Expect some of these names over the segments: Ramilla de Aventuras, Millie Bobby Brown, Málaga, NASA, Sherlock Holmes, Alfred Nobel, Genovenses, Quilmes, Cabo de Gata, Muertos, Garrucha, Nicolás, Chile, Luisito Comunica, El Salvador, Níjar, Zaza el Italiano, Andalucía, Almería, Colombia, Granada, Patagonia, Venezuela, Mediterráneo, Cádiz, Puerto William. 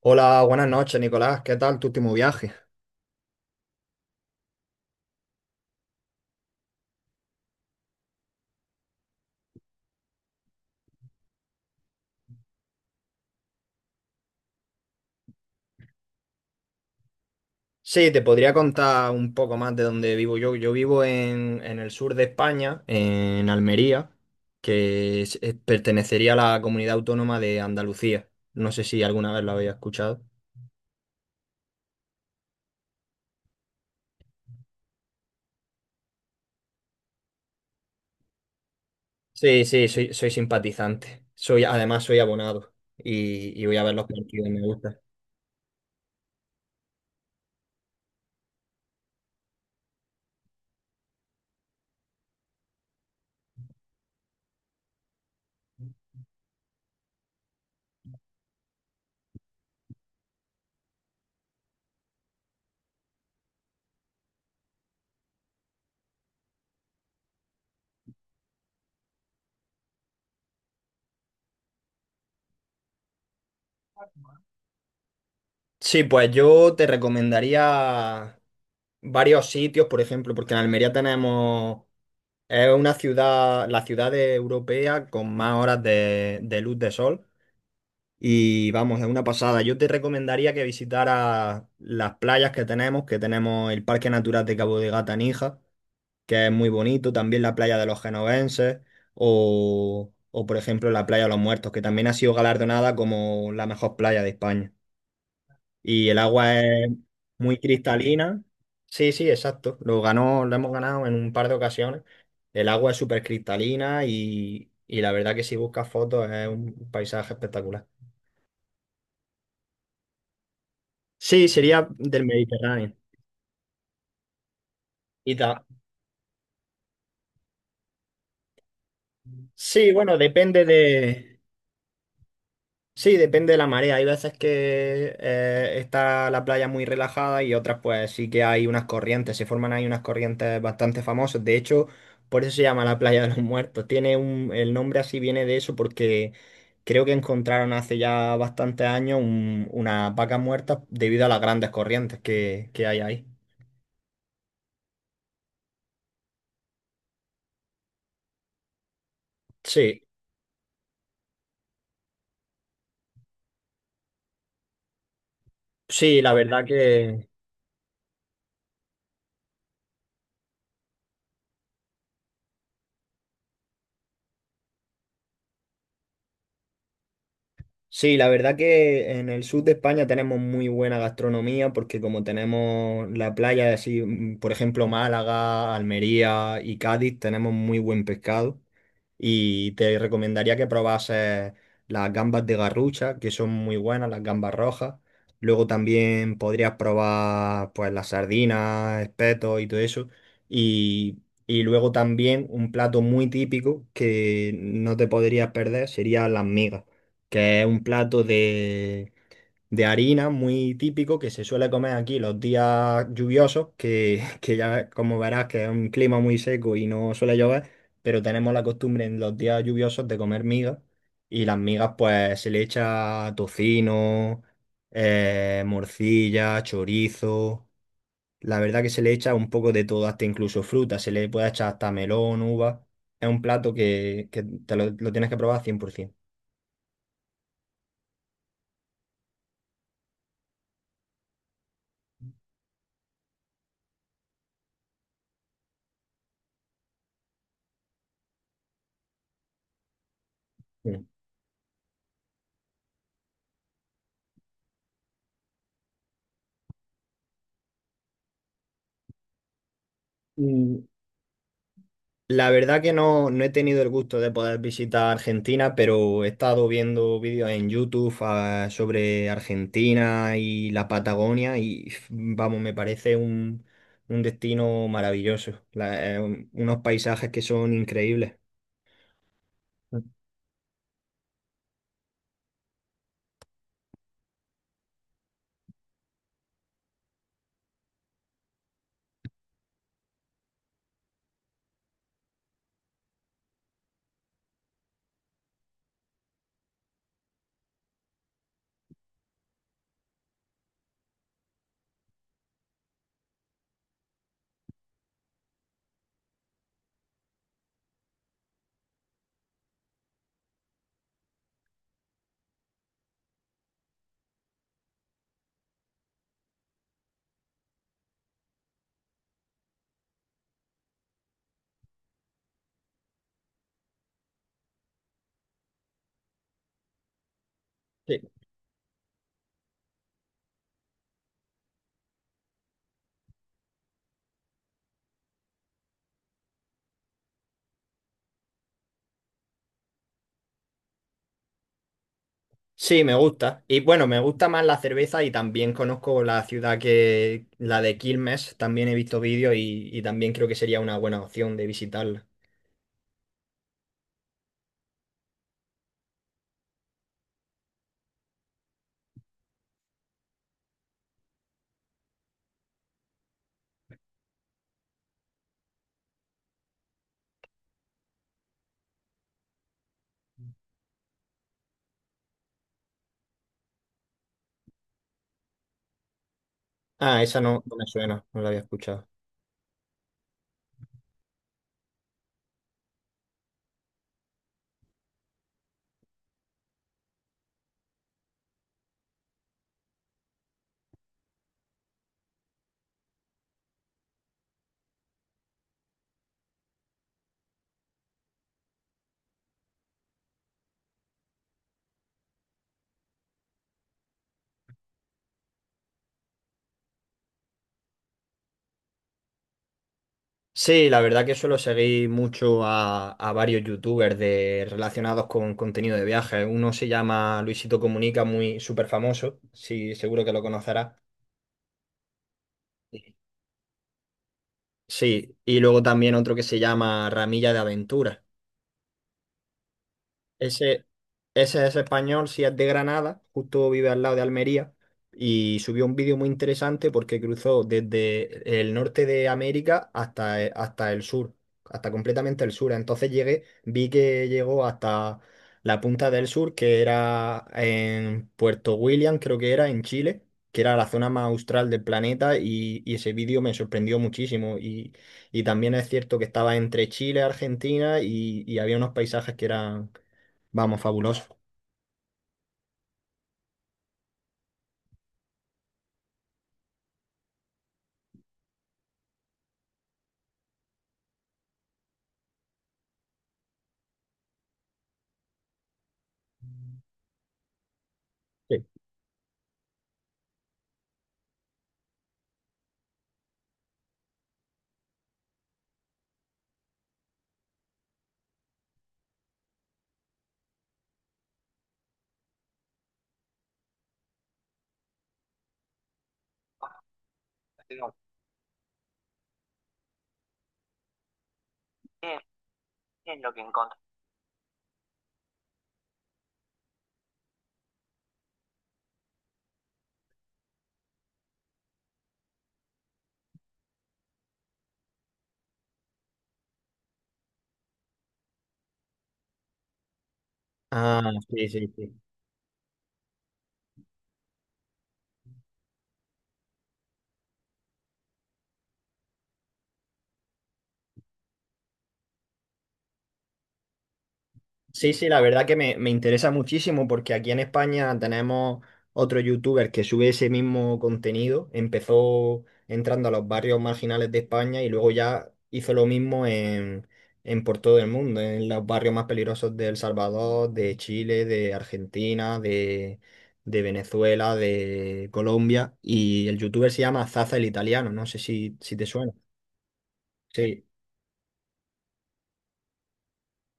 Hola, buenas noches, Nicolás. ¿Qué tal tu último viaje? Sí, te podría contar un poco más de dónde vivo yo. Yo vivo en el sur de España, en Almería, que pertenecería a la comunidad autónoma de Andalucía. No sé si alguna vez lo había escuchado. Sí, sí, soy simpatizante. Soy, además, soy abonado y voy a ver los partidos, me gusta. Sí, pues yo te recomendaría varios sitios, por ejemplo, porque en Almería tenemos. Es una ciudad, la ciudad europea con más horas de luz de sol. Y vamos, es una pasada. Yo te recomendaría que visitaras las playas que tenemos el Parque Natural de Cabo de Gata Níjar, que es muy bonito, también la playa de los Genovenses, o por ejemplo la playa de los Muertos, que también ha sido galardonada como la mejor playa de España y el agua es muy cristalina. Sí, sí, exacto. Lo ganó, lo hemos ganado en un par de ocasiones. El agua es súper cristalina y la verdad que si buscas fotos es un paisaje espectacular. Sí, sería del Mediterráneo. Y ta- Sí, bueno, depende de, sí, depende de la marea. Hay veces que está la playa muy relajada y otras pues sí que hay unas corrientes, se forman ahí unas corrientes bastante famosas. De hecho, por eso se llama la playa de los Muertos. Tiene un, el nombre así viene de eso porque creo que encontraron hace ya bastantes años unas vacas muertas debido a las grandes corrientes que hay ahí. Sí, sí, la verdad. Sí, la verdad que en el sur de España tenemos muy buena gastronomía porque como tenemos la playa, así, por ejemplo, Málaga, Almería y Cádiz, tenemos muy buen pescado y te recomendaría que probases las gambas de Garrucha, que son muy buenas, las gambas rojas. Luego también podrías probar pues las sardinas, espetos y todo eso. Y, y luego también un plato muy típico que no te podrías perder sería las migas, que es un plato de harina muy típico que se suele comer aquí los días lluviosos, que, que ya como verás que es un clima muy seco y no suele llover, pero tenemos la costumbre en los días lluviosos de comer migas, y las migas pues se le echa tocino, morcilla, chorizo, la verdad que se le echa un poco de todo, hasta incluso fruta, se le puede echar hasta melón, uva. Es un plato que te lo tienes que probar 100%. Mm. Mm, La verdad que no, no he tenido el gusto de poder visitar Argentina, pero he estado viendo vídeos en YouTube sobre Argentina y la Patagonia vamos, me parece un destino maravilloso. Unos paisajes que son increíbles. Sí. Sí, me gusta. Y bueno, me gusta más la cerveza y también conozco la ciudad que, la de Quilmes, también he visto vídeos y también creo que sería una buena opción de visitarla. Ah, esa no, no me suena, no la había escuchado. Sí, la verdad que suelo seguir mucho a varios youtubers de, relacionados con contenido de viajes. Uno se llama Luisito Comunica, muy súper famoso, sí, seguro que lo conocerás. Sí, y luego también otro que se llama Ramilla de Aventuras. Ese, ese es español, si es de Granada, justo vive al lado de Almería, y subió un vídeo muy interesante porque cruzó desde el norte de América hasta, hasta el sur, hasta completamente el sur. Entonces llegué, vi que llegó hasta la punta del sur, que era en Puerto William, creo que era en Chile, que era la zona más austral del planeta, y ese vídeo me sorprendió muchísimo. Y también es cierto que estaba entre Chile, Argentina, y había unos paisajes que eran, vamos, fabuloso. Sí. Ah, sí, sí, sí. Sí, sí, la verdad que me interesa muchísimo porque aquí en España tenemos otro youtuber que sube ese mismo contenido. Empezó entrando a los barrios marginales de España y luego ya hizo lo mismo en por todo el mundo, en los barrios más peligrosos de El Salvador, de Chile, de Argentina, de Venezuela, de Colombia. Y el youtuber se llama Zaza el Italiano, no sé si, si te suena. Sí.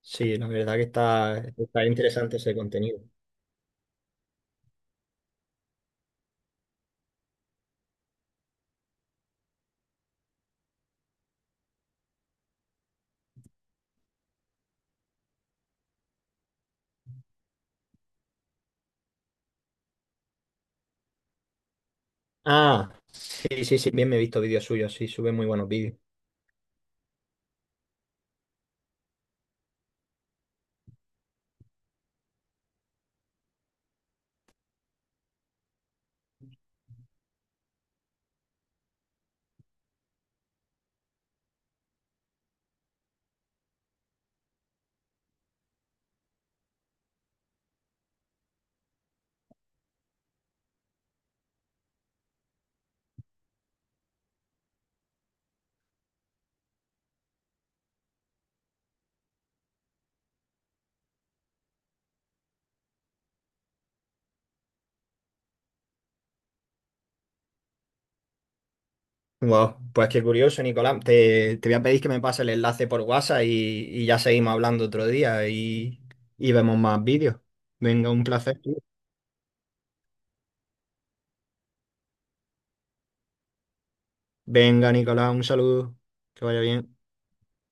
Sí, no, la verdad que está, está interesante ese contenido. Ah, sí, sí, sí, bien, me he visto vídeos suyos, sí, sube muy buenos vídeos. Wow, pues qué curioso, Nicolás. Te voy a pedir que me pase el enlace por WhatsApp y ya seguimos hablando otro día y vemos más vídeos. Venga, un placer. Venga, Nicolás, un saludo. Que vaya bien.